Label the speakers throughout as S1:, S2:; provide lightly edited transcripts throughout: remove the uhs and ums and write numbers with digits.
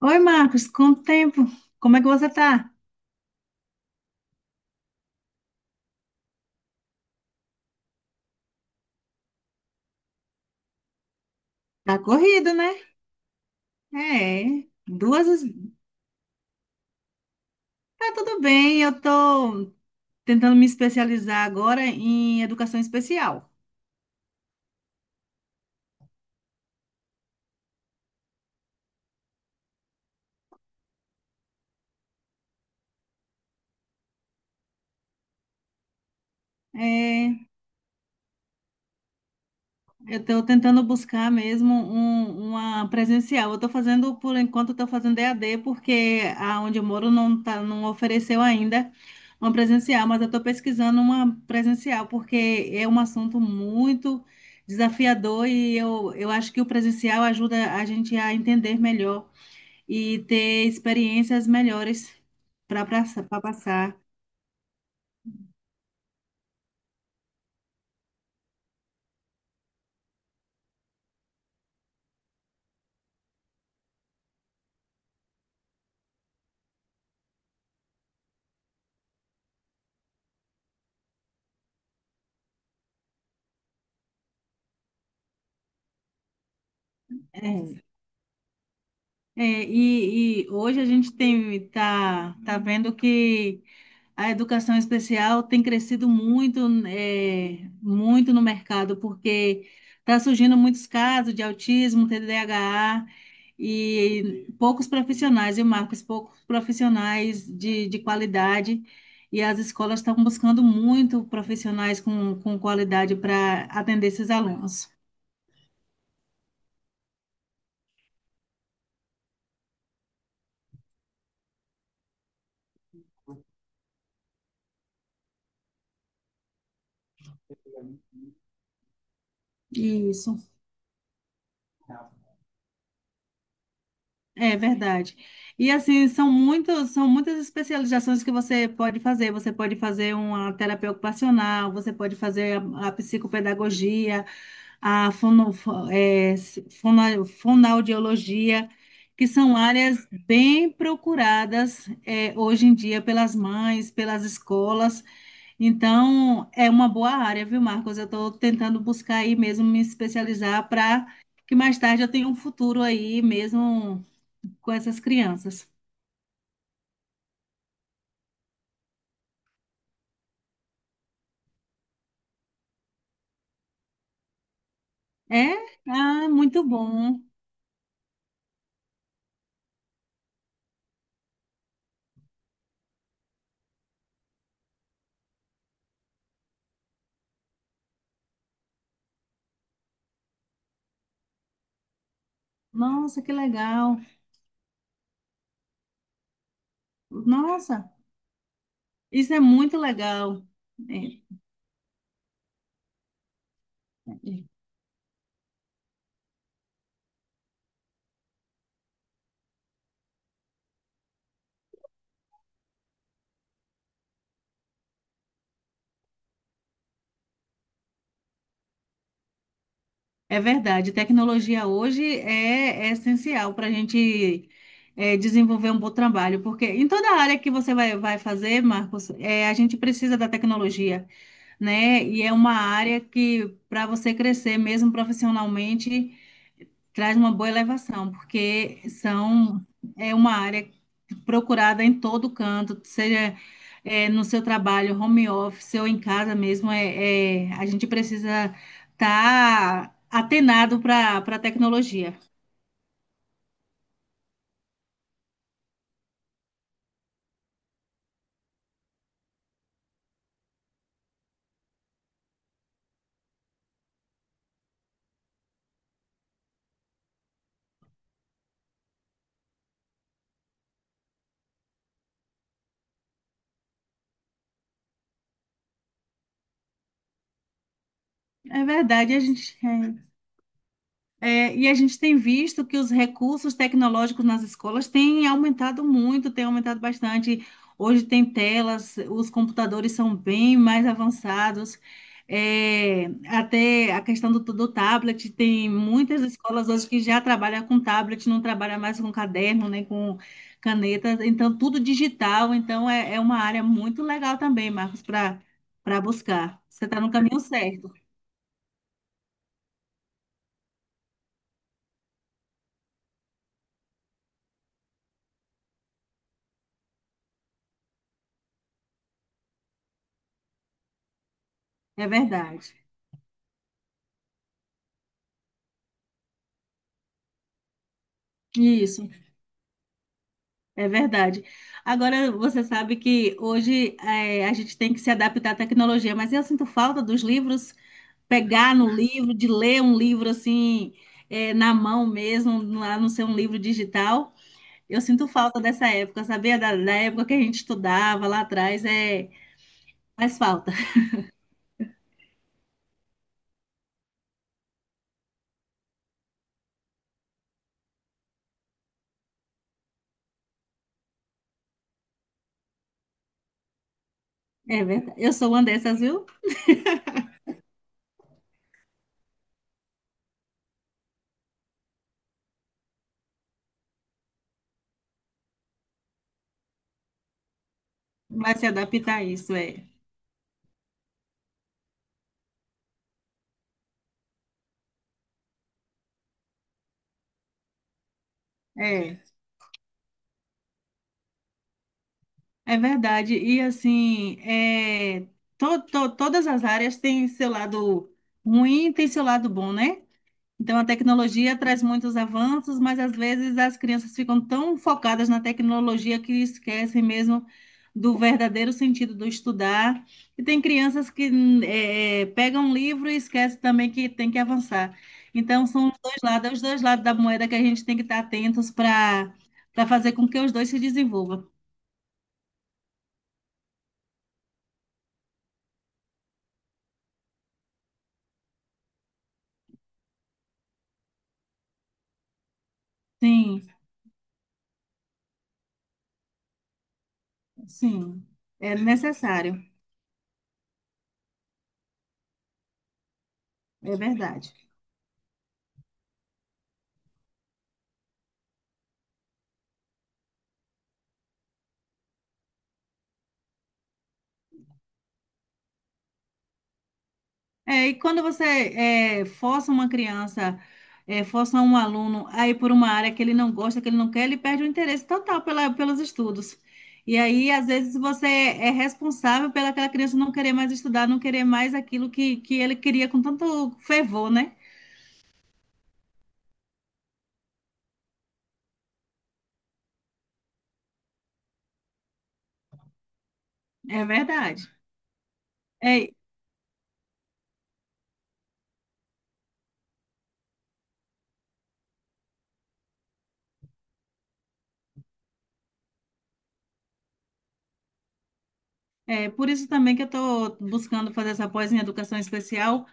S1: Oi, Marcos, quanto tempo? Como é que você tá? Tá corrido, né? É, duas. Tá tudo bem, eu tô tentando me especializar agora em educação especial. É. Eu estou tentando buscar mesmo uma presencial. Eu estou fazendo, por enquanto, estou fazendo EAD, porque aonde eu moro não, tá, não ofereceu ainda uma presencial, mas eu estou pesquisando uma presencial, porque é um assunto muito desafiador e eu acho que o presencial ajuda a gente a entender melhor e ter experiências melhores para passar. É. É, e hoje a gente tem, tá, tá vendo que. A educação especial tem crescido muito, muito no mercado, porque está surgindo muitos casos de autismo, TDAH, e poucos profissionais, e Marcos, poucos profissionais de qualidade, e as escolas estão buscando muito profissionais com qualidade para atender esses alunos. Isso. É verdade. E assim, são muitos, são muitas especializações que você pode fazer. Você pode fazer uma terapia ocupacional, você pode fazer a psicopedagogia, a fonoaudiologia, que são áreas bem procuradas, é, hoje em dia pelas mães, pelas escolas. Então, é uma boa área, viu, Marcos? Eu estou tentando buscar aí mesmo me especializar para que mais tarde eu tenha um futuro aí mesmo com essas crianças. É? Ah, muito bom. Nossa, que legal. Nossa, isso é muito legal. É, é verdade. Tecnologia hoje é essencial para a gente desenvolver um bom trabalho, porque em toda área que você vai, vai fazer, Marcos, é, a gente precisa da tecnologia, né? E é uma área que, para você crescer mesmo profissionalmente, traz uma boa elevação, porque são, é uma área procurada em todo canto, seja é, no seu trabalho, home office ou em casa mesmo, é, é, a gente precisa estar atenado para a tecnologia. É verdade, a gente, é, É, e a gente tem visto que os recursos tecnológicos nas escolas têm aumentado muito, têm aumentado bastante. Hoje tem telas, os computadores são bem mais avançados. É, até a questão do tablet, tem muitas escolas hoje que já trabalham com tablet, não trabalham mais com caderno, nem com caneta, então tudo digital. Então é, é uma área muito legal também, Marcos, para buscar. Você está no caminho certo, é verdade. Isso. É verdade. Agora, você sabe que hoje a gente tem que se adaptar à tecnologia, mas eu sinto falta dos livros, pegar no livro, de ler um livro assim, na mão mesmo, lá não ser um livro digital. Eu sinto falta dessa época, sabia? Da época que a gente estudava lá atrás, é, faz falta. É verdade. Eu sou uma dessas, viu? Vai se adaptar a isso, é. É. É verdade. E assim, é, todas as áreas têm seu lado ruim e tem seu lado bom, né? Então a tecnologia traz muitos avanços, mas às vezes as crianças ficam tão focadas na tecnologia que esquecem mesmo do verdadeiro sentido do estudar. E tem crianças que pegam um livro e esquecem também que tem que avançar. Então são os dois lados, é os dois lados da moeda que a gente tem que estar atentos para fazer com que os dois se desenvolvam. Sim. Sim, é necessário, é verdade. É, e quando você força uma criança, força um aluno a ir por uma área que ele não gosta, que ele não quer, ele perde o interesse total pela, pelos estudos. E aí, às vezes, você é responsável pela aquela criança não querer mais estudar, não querer mais aquilo que ele queria com tanto fervor, né? É verdade. É, é por isso também que eu estou buscando fazer essa pós em educação especial,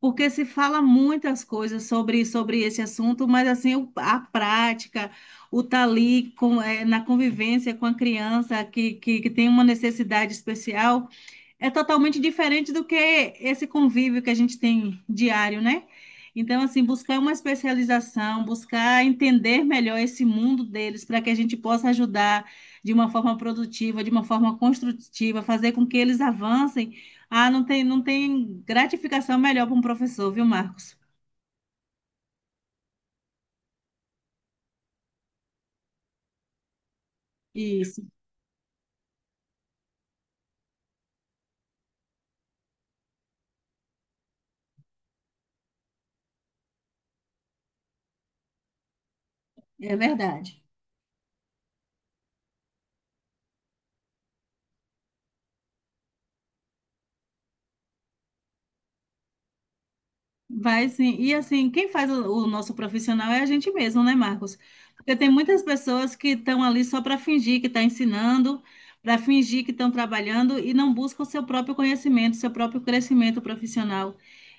S1: porque se fala muitas coisas sobre, sobre esse assunto, mas assim, o- a prática, o estar ali com, na convivência com a criança que tem uma necessidade especial é totalmente diferente do que esse convívio que a gente tem diário, né? Então, assim, buscar uma especialização, buscar entender melhor esse mundo deles, para que a gente possa ajudar de uma forma produtiva, de uma forma construtiva, fazer com que eles avancem. Ah, não tem, não tem gratificação melhor para um professor, viu, Marcos? Isso, é verdade. Vai sim. E assim, quem faz o nosso profissional é a gente mesmo, né, Marcos? Porque tem muitas pessoas que estão ali só para fingir que está ensinando, para fingir que estão trabalhando e não buscam o seu próprio conhecimento, seu próprio crescimento profissional.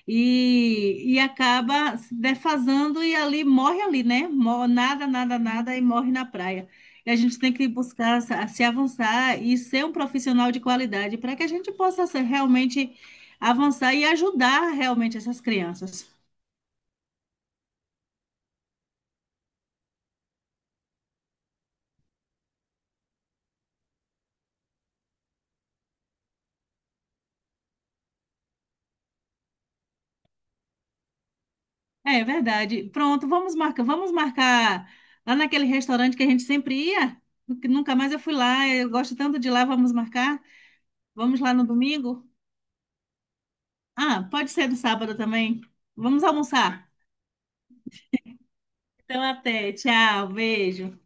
S1: E acaba se defasando e ali morre ali, né? Mor- Nada, nada, nada e morre na praia. E a gente tem que buscar se avançar e ser um profissional de qualidade para que a gente possa ser realmente avançar e ajudar realmente essas crianças. É, é verdade. Pronto, vamos marcar lá naquele restaurante que a gente sempre ia, que nunca mais eu fui lá, eu gosto tanto de lá, vamos marcar. Vamos lá no domingo? Ah, pode ser no sábado também. Vamos almoçar. Então até, tchau, beijo.